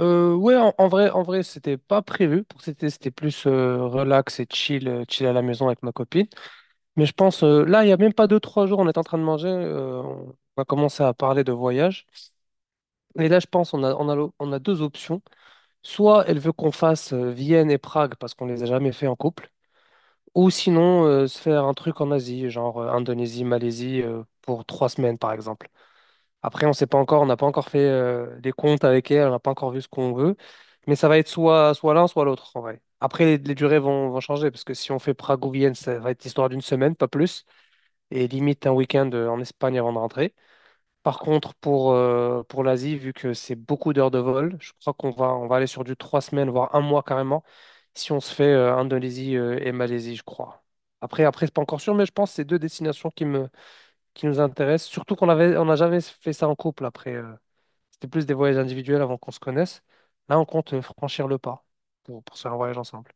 Ouais, en vrai, c'était pas prévu pour cet été, c'était plus relax et chill à la maison avec ma copine. Mais je pense, là, il y a même pas deux, trois jours, on est en train de manger, on a commencé à parler de voyage. Et là, je pense, on a deux options. Soit elle veut qu'on fasse Vienne et Prague parce qu'on les a jamais fait en couple. Ou sinon, se faire un truc en Asie, genre Indonésie, Malaisie, pour trois semaines, par exemple. Après, on sait pas encore, on n'a pas encore fait les comptes avec elle, on n'a pas encore vu ce qu'on veut, mais ça va être soit, soit l'un, soit l'autre, en vrai. Après, les durées vont changer, parce que si on fait Prague ou Vienne, ça va être l'histoire d'une semaine, pas plus, et limite un week-end en Espagne avant de rentrer. Par contre, pour l'Asie, vu que c'est beaucoup d'heures de vol, je crois qu'on va aller sur du trois semaines, voire un mois carrément, si on se fait Indonésie et Malaisie, je crois. Après, c'est pas encore sûr, mais je pense que c'est deux destinations qui nous intéressent. Surtout qu'on n'a jamais fait ça en couple après. C'était plus des voyages individuels avant qu'on se connaisse. Là, on compte franchir le pas pour se faire un voyage ensemble.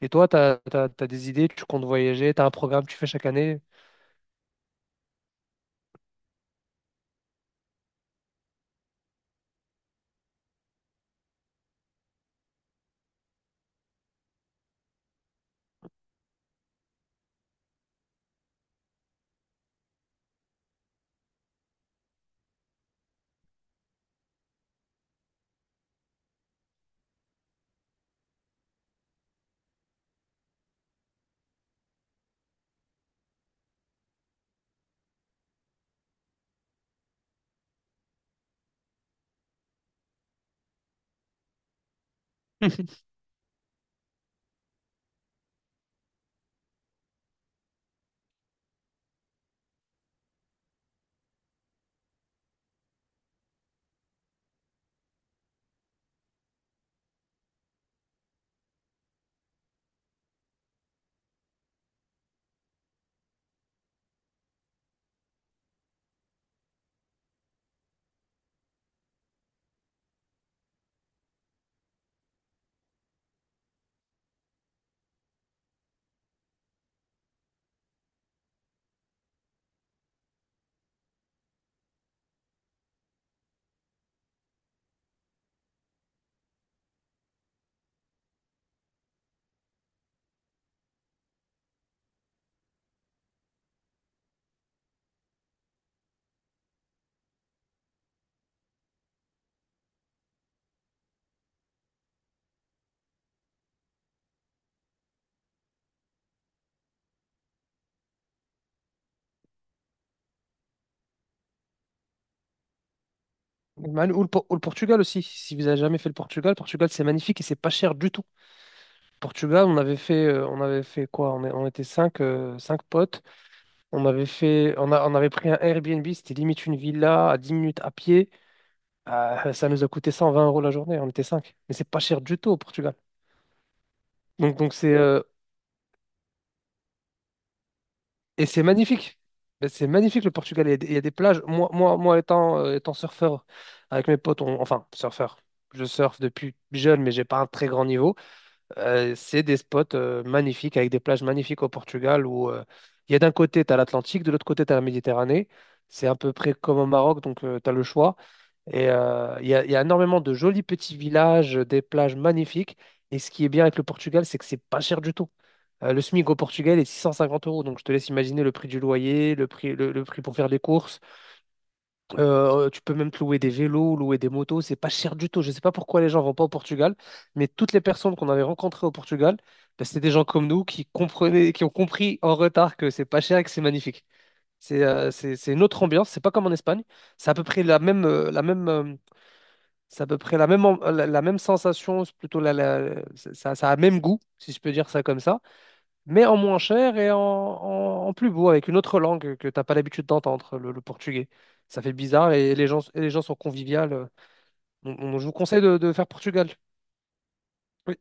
Et toi, t'as des idées, tu comptes voyager, t'as un programme que tu fais chaque année? Ou le Portugal aussi. Si vous avez jamais fait le Portugal, Portugal c'est magnifique et c'est pas cher du tout. Portugal, on avait fait quoi? On était cinq potes. On avait fait, on a- on avait pris un Airbnb, c'était limite une villa à 10 minutes à pied. Ça nous a coûté 120 euros la journée. On était cinq. Mais c'est pas cher du tout au Portugal. Donc, c'est magnifique. Ben, c'est magnifique le Portugal. Il y a des plages. Moi, étant surfeur avec mes potes, enfin surfeur. Je surfe depuis jeune, mais j'ai pas un très grand niveau. C'est des spots magnifiques, avec des plages magnifiques au Portugal où il y a d'un côté, tu as l'Atlantique, de l'autre côté, tu as la Méditerranée. C'est à peu près comme au Maroc, donc tu as le choix. Et il y a énormément de jolis petits villages, des plages magnifiques. Et ce qui est bien avec le Portugal, c'est que c'est pas cher du tout. Le SMIC au Portugal est 650 euros, donc je te laisse imaginer le prix du loyer, le prix pour faire les courses. Tu peux même te louer des vélos, louer des motos, c'est pas cher du tout. Je sais pas pourquoi les gens vont pas au Portugal, mais toutes les personnes qu'on avait rencontrées au Portugal, bah, c'était des gens comme nous qui comprenaient, qui ont compris en retard que c'est pas cher et que c'est magnifique. C'est une autre ambiance, c'est pas comme en Espagne. C'est à peu près la même, c'est à peu près la même, la même sensation, c'est plutôt la, la- ça a le même goût, si je peux dire ça comme ça mais en moins cher et en, en plus beau, avec une autre langue que t'as pas l'habitude d'entendre, le portugais. Ça fait bizarre et les gens sont conviviales. Donc, je vous conseille de faire Portugal. Oui.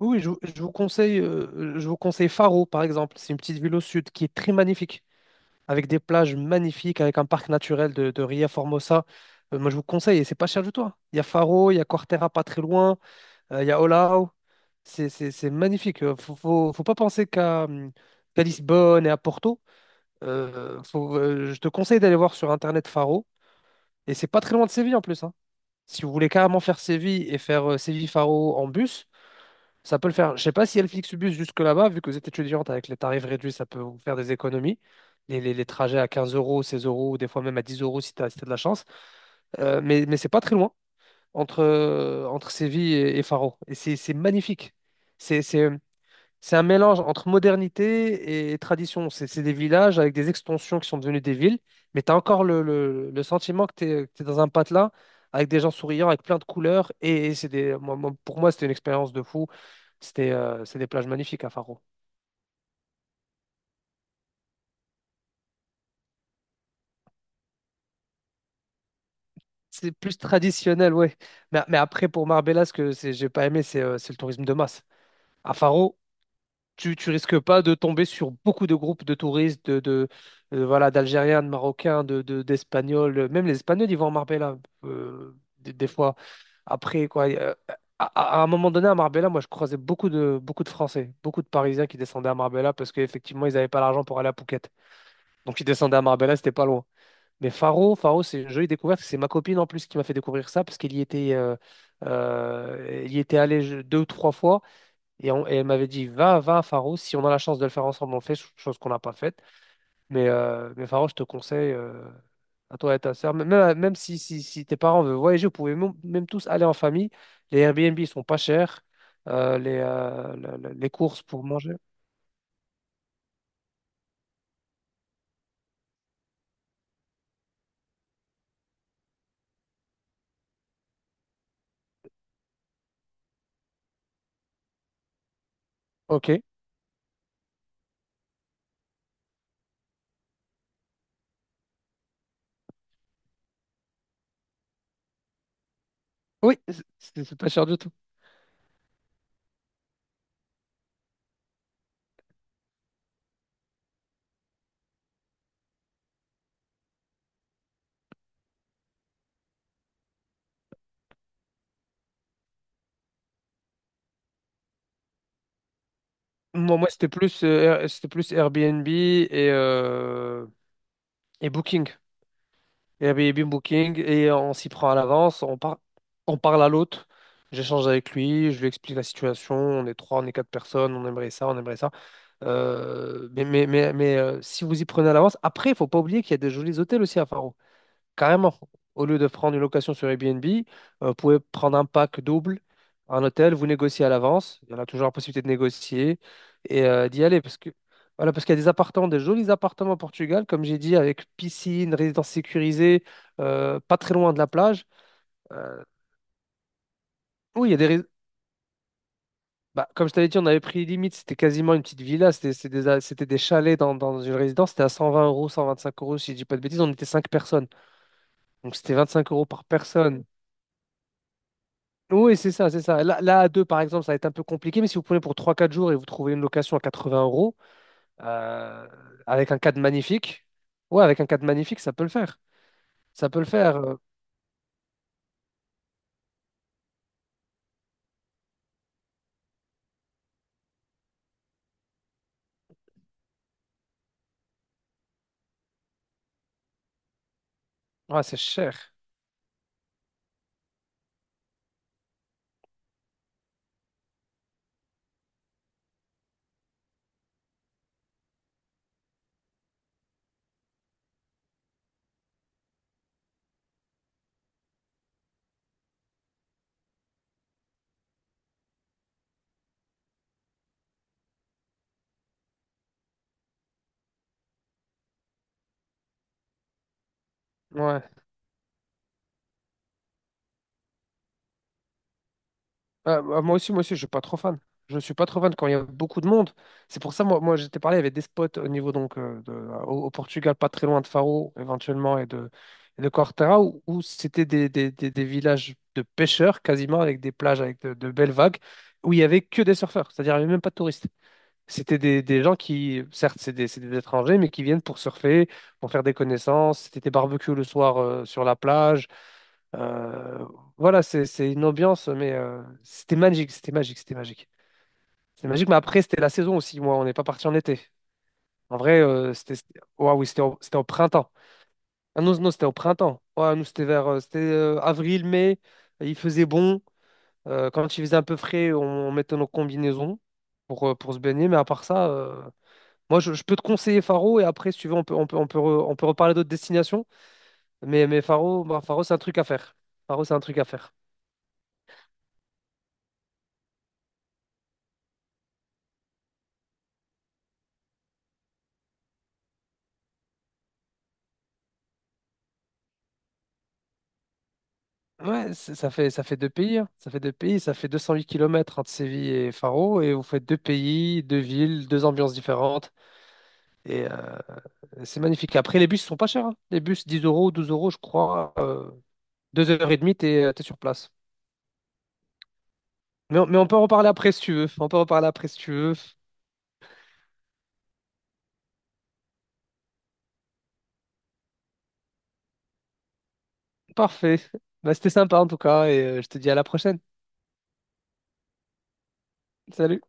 Oui, oui, je vous conseille Faro, par exemple. C'est une petite ville au sud qui est très magnifique, avec des plages magnifiques, avec un parc naturel de Ria Formosa. Moi, je vous conseille, et c'est pas cher du tout. Hein. Il y a Faro, il y a Corteira pas très loin. Il y a Olao. C'est magnifique. Faut pas penser qu'à Lisbonne et à Porto. Je te conseille d'aller voir sur Internet Faro. Et c'est pas très loin de Séville en plus. Hein. Si vous voulez carrément faire Séville et faire Séville-Faro en bus, ça peut le faire. Je sais pas si Flixbus jusque là-bas, vu que vous êtes étudiante avec les tarifs réduits, ça peut vous faire des économies. Les trajets à 15 euros, 16 euros, ou des fois même à 10 euros si tu as de la chance. Mais c'est pas très loin entre Séville et Faro. Et c'est magnifique. C'est c'est, c'est un mélange entre modernité et tradition. C'est des villages avec des extensions qui sont devenues des villes, mais tu as encore le sentiment que tu es dans un patelin avec des gens souriants, avec plein de couleurs. Et, c'est des, moi- moi- pour moi, c'était une expérience de fou. C'est des plages magnifiques à Faro. C'est plus traditionnel, ouais. Mais, après, pour Marbella, ce que j'ai pas aimé, c'est le tourisme de masse. À Faro, tu risques pas de tomber sur beaucoup de groupes de touristes, de voilà, d'Algériens, de Marocains, d'Espagnols. Même les Espagnols, ils vont à Marbella, des fois. Après, quoi, à un moment donné, à Marbella, moi, je croisais beaucoup de Français, beaucoup de Parisiens qui descendaient à Marbella parce qu'effectivement, ils n'avaient pas l'argent pour aller à Phuket. Donc, ils descendaient à Marbella, c'était pas loin. Mais Faro, Faro, c'est une jolie découverte. C'est ma copine en plus qui m'a fait découvrir ça parce qu'elle y était, elle y était allée deux ou trois fois. Et elle m'avait dit, va, va à Faro, si on a la chance de le faire ensemble, on le fait, chose qu'on n'a pas faite. Mais Faro, je te conseille, à toi et ta sœur, même si tes parents veulent voyager, vous pouvez même tous aller en famille. Les Airbnb sont pas chers, les courses pour manger. OK. Oui, c'est pas cher du tout. Moi, c'était plus Airbnb et Booking. Airbnb Booking et on s'y prend à l'avance, on parle à l'hôte, j'échange avec lui, je lui explique la situation, on est trois, on est quatre personnes, on aimerait ça, on aimerait ça. Si vous y prenez à l'avance, après, il faut pas oublier qu'il y a des jolis hôtels aussi à Faro. Carrément, au lieu de prendre une location sur Airbnb, vous pouvez prendre un pack double, un hôtel, vous négociez à l'avance. Il y en a toujours la possibilité de négocier et d'y aller. Parce que, voilà, parce qu'il y a des appartements, des jolis appartements au Portugal, comme j'ai dit, avec piscine, résidence sécurisée, pas très loin de la plage. Euh, oui. il y a des. Rés- Bah, comme je t'avais dit, on avait pris limite, c'était quasiment une petite villa, c'était des chalets dans une résidence, c'était à 120 euros, 125 euros, si je dis pas de bêtises, on était 5 personnes. Donc c'était 25 euros par personne. Oui, c'est ça, c'est ça. Là, à deux, par exemple, ça va être un peu compliqué, mais si vous prenez pour trois, quatre jours et vous trouvez une location à 80 euros, euh, avec un cadre magnifique, ouais, avec un cadre magnifique, ça peut le faire. Ça peut le faire. Ouais, c'est cher. Ouais. Ah, bah, moi aussi, je suis pas trop fan. Je suis pas trop fan quand il y a beaucoup de monde. C'est pour ça, moi j'étais parlé, il y avait des spots au niveau donc au Portugal, pas très loin de Faro, éventuellement, et de Corteira, où c'était des villages de pêcheurs quasiment, avec des plages, avec de belles vagues, où il y avait que des surfeurs, c'est-à-dire il n'y avait même pas de touristes. C'était des gens qui, certes, c'est des étrangers, mais qui viennent pour surfer, pour faire des connaissances. C'était des barbecues le soir sur la plage. Euh, voilà, c'est une ambiance, mais c'était magique, c'était magique, c'était magique. C'était magique, mais après, c'était la saison aussi. Moi, on n'est pas parti en été. En vrai, Ouah, oui, c'était au printemps. Ah non, non, c'était au printemps. Ouais, nous, c'était avril, mai. Il faisait bon. Quand il faisait un peu frais, on mettait nos combinaisons pour se baigner. Mais à part ça, moi, je peux te conseiller Faro. Et après, si tu veux, on peut reparler d'autres destinations. Mais, Faro, bah, Faro, c'est un truc à faire. Faro, c'est un truc à faire. Ouais, ça fait deux pays, hein. Ça fait deux pays, ça fait 208 kilomètres entre Séville et Faro, et vous faites deux pays, deux villes, deux ambiances différentes, et c'est magnifique. Après, les bus sont pas chers, hein. Les bus, 10 euros, 12 euros, je crois, 2 heures et demie, t'es sur place. Mais on peut en reparler après si tu veux, on peut en reparler après si tu veux. Parfait. Bah, c'était sympa en tout cas, et je te dis à la prochaine. Salut.